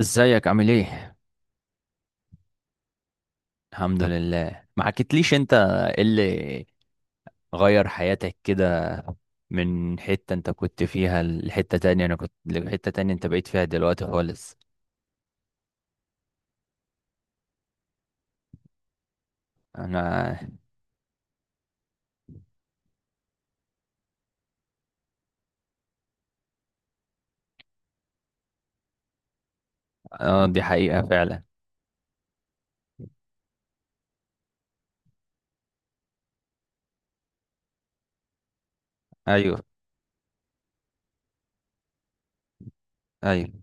ازيك؟ عامل ايه؟ الحمد لله. ما حكيتليش انت ايه اللي غير حياتك كده، من حتة انت كنت فيها لحتة تانية، انا كنت لحتة تانية انت بقيت فيها دلوقتي خالص. انا. اه، دي حقيقة فعلا. ايوه، ايوه.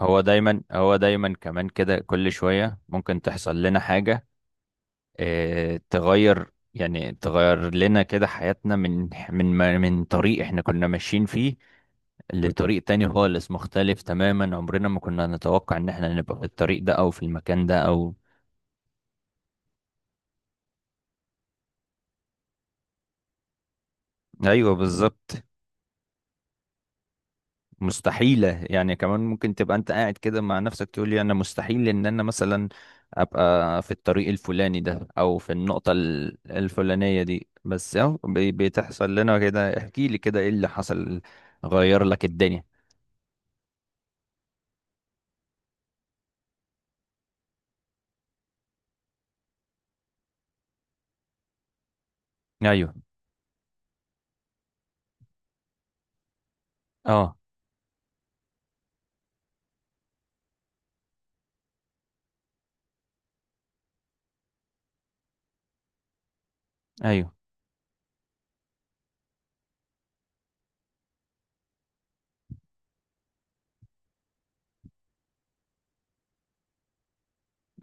هو دايما كمان كده، كل شوية ممكن تحصل لنا حاجة. اه، تغير يعني، تغير لنا كده حياتنا من طريق احنا كنا ماشيين فيه لطريق تاني خالص، مختلف تماما. عمرنا ما كنا نتوقع ان احنا نبقى في الطريق ده او في المكان ده او... ايوه بالظبط. مستحيلة يعني، كمان ممكن تبقى انت قاعد كده مع نفسك تقول لي انا مستحيل ان انا مثلا ابقى في الطريق الفلاني ده او في النقطة الفلانية دي. بس اهو بتحصل لنا كده. احكي لي كده ايه اللي حصل، غير لك الدنيا؟ ايوه، اه، ايوه،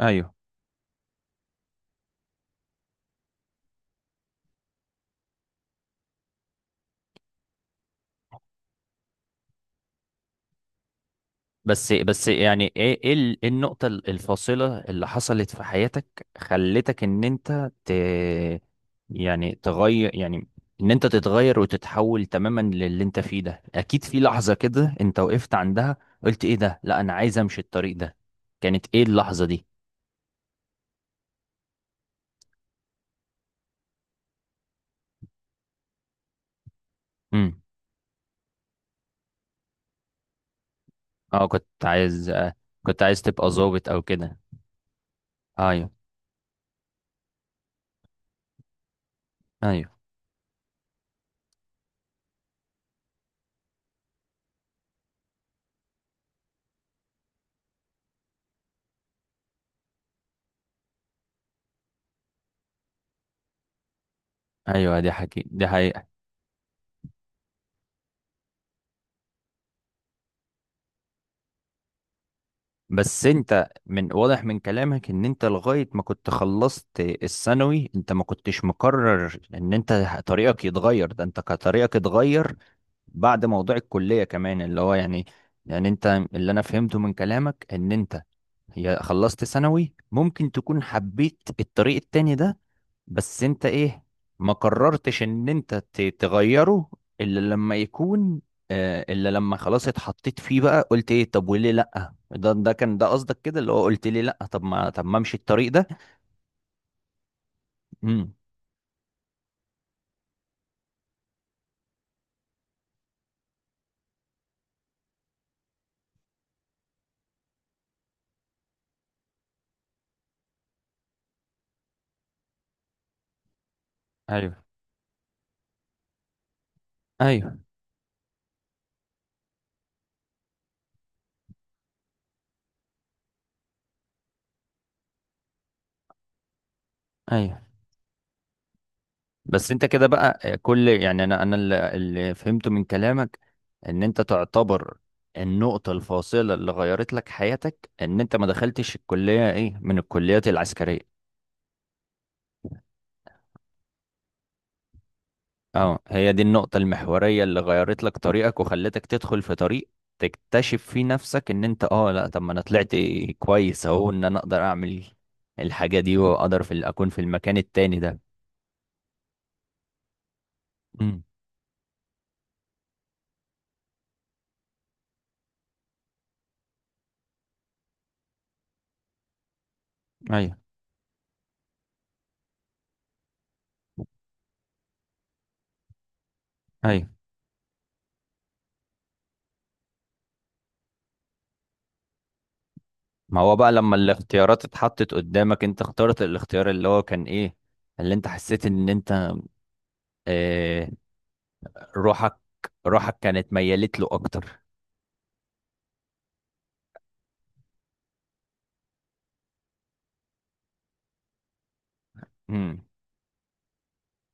ايوه. بس يعني ايه إيه النقطة الفاصلة اللي حصلت في حياتك خلتك ان انت يعني تغير، يعني ان انت تتغير وتتحول تماما للي انت فيه ده؟ اكيد في لحظة كده انت وقفت عندها، قلت ايه ده، لا انا عايز امشي الطريق ده. كانت ايه اللحظة دي؟ امم. اه، كنت عايز تبقى ظابط او كده؟ ايوه. ايوه، ايوه، دي حقيقة، دي حقيقة. بس انت، من واضح من كلامك، ان انت لغاية ما كنت خلصت الثانوي، انت ما كنتش مقرر ان انت طريقك يتغير. ده انت كان طريقك اتغير بعد موضوع الكلية كمان، اللي هو يعني انت، اللي انا فهمته من كلامك ان انت، يا خلصت ثانوي ممكن تكون حبيت الطريق التاني ده، بس انت ايه ما قررتش ان انت تغيره الا لما يكون الا لما خلاص اتحطيت فيه بقى، قلت ايه طب وليه لا. ده كان ده قصدك كده، اللي هو قلت ليه لا، طب ما امشي الطريق ده. امم. ايوه، ايوه، ايوه. بس انت كده بقى، آه، كل يعني انا، اللي فهمته من كلامك ان انت تعتبر النقطة الفاصلة اللي غيرت لك حياتك ان انت ما دخلتش الكلية، ايه، من الكليات العسكرية. اه، هي دي النقطة المحورية اللي غيرت لك طريقك وخلتك تدخل في طريق تكتشف فيه نفسك، ان انت، اه، لا طب ما انا طلعت كويس اهو، ان انا اقدر اعمل الحاجة دي واقدر في اكون في المكان التاني ده. امم. ايوه، ايوه. ما هو بقى لما الاختيارات اتحطت قدامك، انت اخترت الاختيار اللي هو كان ايه، اللي انت حسيت ان انت، اه روحك روحك كانت ميالت له اكتر. امم.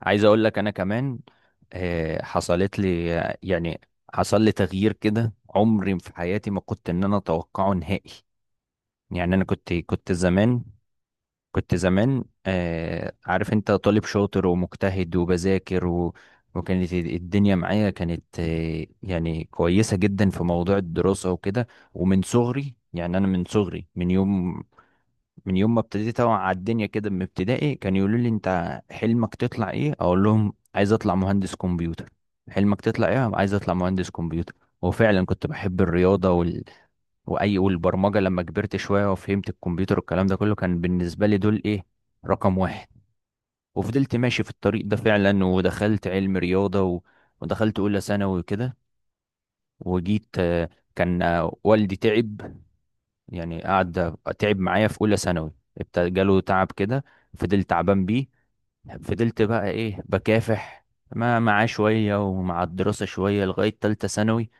عايز اقول لك، انا كمان حصلت لي يعني حصل لي تغيير كده عمري في حياتي ما كنت ان انا اتوقعه نهائي. يعني انا كنت زمان عارف انت طالب شاطر ومجتهد وبذاكر و وكانت الدنيا معايا كانت، يعني كويسة جدا في موضوع الدراسة وكده. ومن صغري، يعني أنا من صغري، من يوم ما ابتديت اوعى على الدنيا كده من ابتدائي، كان يقولوا لي انت حلمك تطلع ايه، اقول لهم عايز اطلع مهندس كمبيوتر. حلمك تطلع ايه؟ عايز اطلع مهندس كمبيوتر. وفعلا كنت بحب الرياضه والبرمجه. لما كبرت شويه وفهمت الكمبيوتر والكلام ده كله، كان بالنسبه لي دول ايه، رقم واحد. وفضلت ماشي في الطريق ده فعلا، ودخلت علم رياضه ودخلت اولى ثانوي وكده. وجيت كان والدي تعب، يعني قعد تعب معايا في اولى ثانوي، ابتدى جاله تعب كده. فضلت تعبان بيه، فضلت بقى ايه، بكافح ما معاه شويه ومع الدراسه شويه لغايه تالتة ثانوي.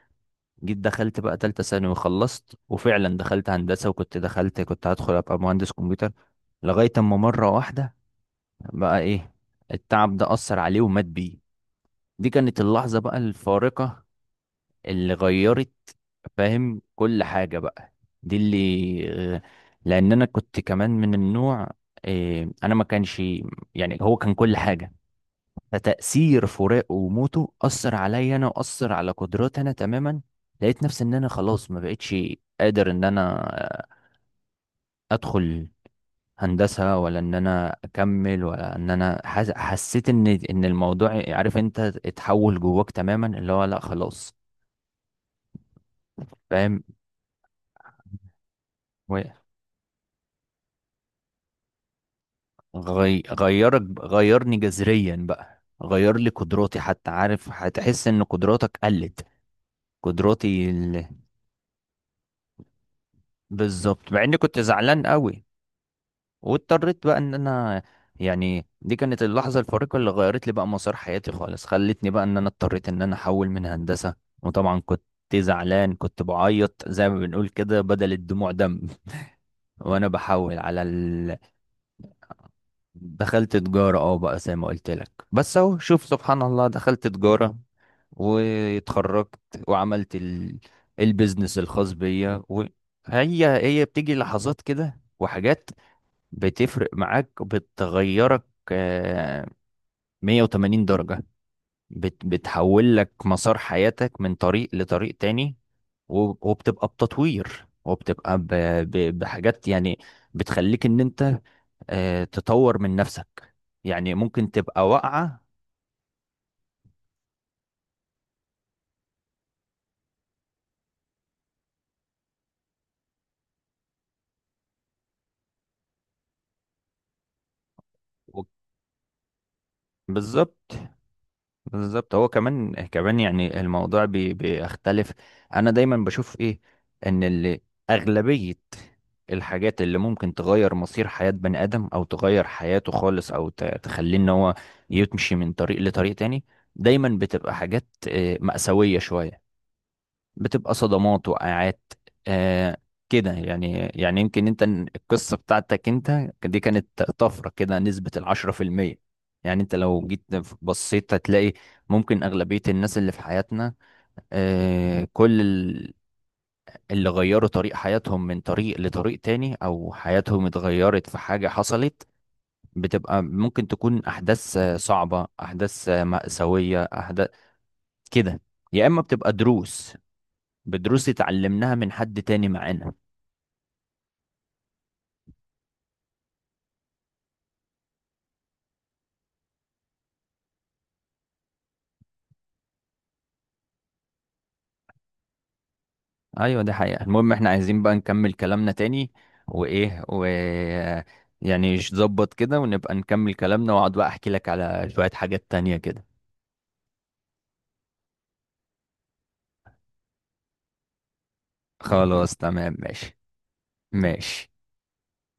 جيت دخلت بقى تالتة ثانوي خلصت، وفعلا دخلت هندسه، وكنت دخلت كنت هدخل ابقى مهندس كمبيوتر. لغايه اما مره واحده، بقى ايه، التعب ده اثر عليه ومات بيه. دي كانت اللحظه بقى الفارقه اللي غيرت، فاهم، كل حاجة بقى. دي اللي لأن أنا كنت كمان من النوع، أنا ما كانش، يعني هو كان كل حاجة. فتأثير فراقه وموته أثر عليا أنا، وأثر على قدراتي أنا تماما. لقيت نفسي إن أنا خلاص ما بقتش قادر إن أنا آه، أدخل هندسة، ولا إن أنا أكمل، ولا إن أنا حسيت إن الموضوع، عارف أنت، اتحول جواك تماما اللي هو لأ خلاص. فاهم. غي... غيرك غيرني جذريا بقى، غير لي قدراتي حتى. عارف هتحس ان قدراتك قلت، قدراتي بالظبط، مع اني كنت زعلان قوي، واضطريت بقى ان انا، يعني، دي كانت اللحظة الفارقة اللي غيرت لي بقى مسار حياتي خالص، خلتني بقى ان انا اضطريت ان انا احول من هندسة. وطبعا كنت زعلان، كنت بعيط زي ما بنقول كده بدل الدموع دم. وانا بحول على دخلت تجارة اه بقى، زي ما قلت لك، بس اهو شوف سبحان الله، دخلت تجارة واتخرجت وعملت البيزنس الخاص بيا. وهي هي بتيجي لحظات كده وحاجات بتفرق معاك، بتغيرك آه، 180 درجة. بتحول لك مسار حياتك من طريق لطريق تاني و... وبتبقى بتطوير، وبتبقى بحاجات يعني بتخليك ان انت تطور من نفسك. يعني ممكن تبقى واقعة و- بالظبط، بالظبط. هو كمان كمان يعني الموضوع بيختلف. انا دايما بشوف ايه، ان اللي، اغلبية الحاجات اللي ممكن تغير مصير حياة بني ادم، او تغير حياته خالص، او تخليه ان هو يمشي من طريق لطريق تاني، دايما بتبقى حاجات مأساوية شوية. بتبقى صدمات، وقعات، آه كده يعني يمكن انت القصة بتاعتك انت دي كانت طفرة كده، نسبة 10%. يعني انت لو جيت بصيت هتلاقي ممكن أغلبية الناس اللي في حياتنا، آه، كل ال- اللي غيروا طريق حياتهم من طريق لطريق تاني، او حياتهم اتغيرت في حاجة حصلت، بتبقى ممكن تكون احداث صعبة، احداث مأساوية، احداث كده، يا اما بتبقى بدروس اتعلمناها من حد تاني معانا. ايوه دي حقيقة. المهم احنا عايزين بقى نكمل كلامنا تاني، وايه يعني نظبط كده، ونبقى نكمل كلامنا، واقعد بقى احكي لك على شوية حاجات تانية كده. خلاص تمام ماشي. ماشي.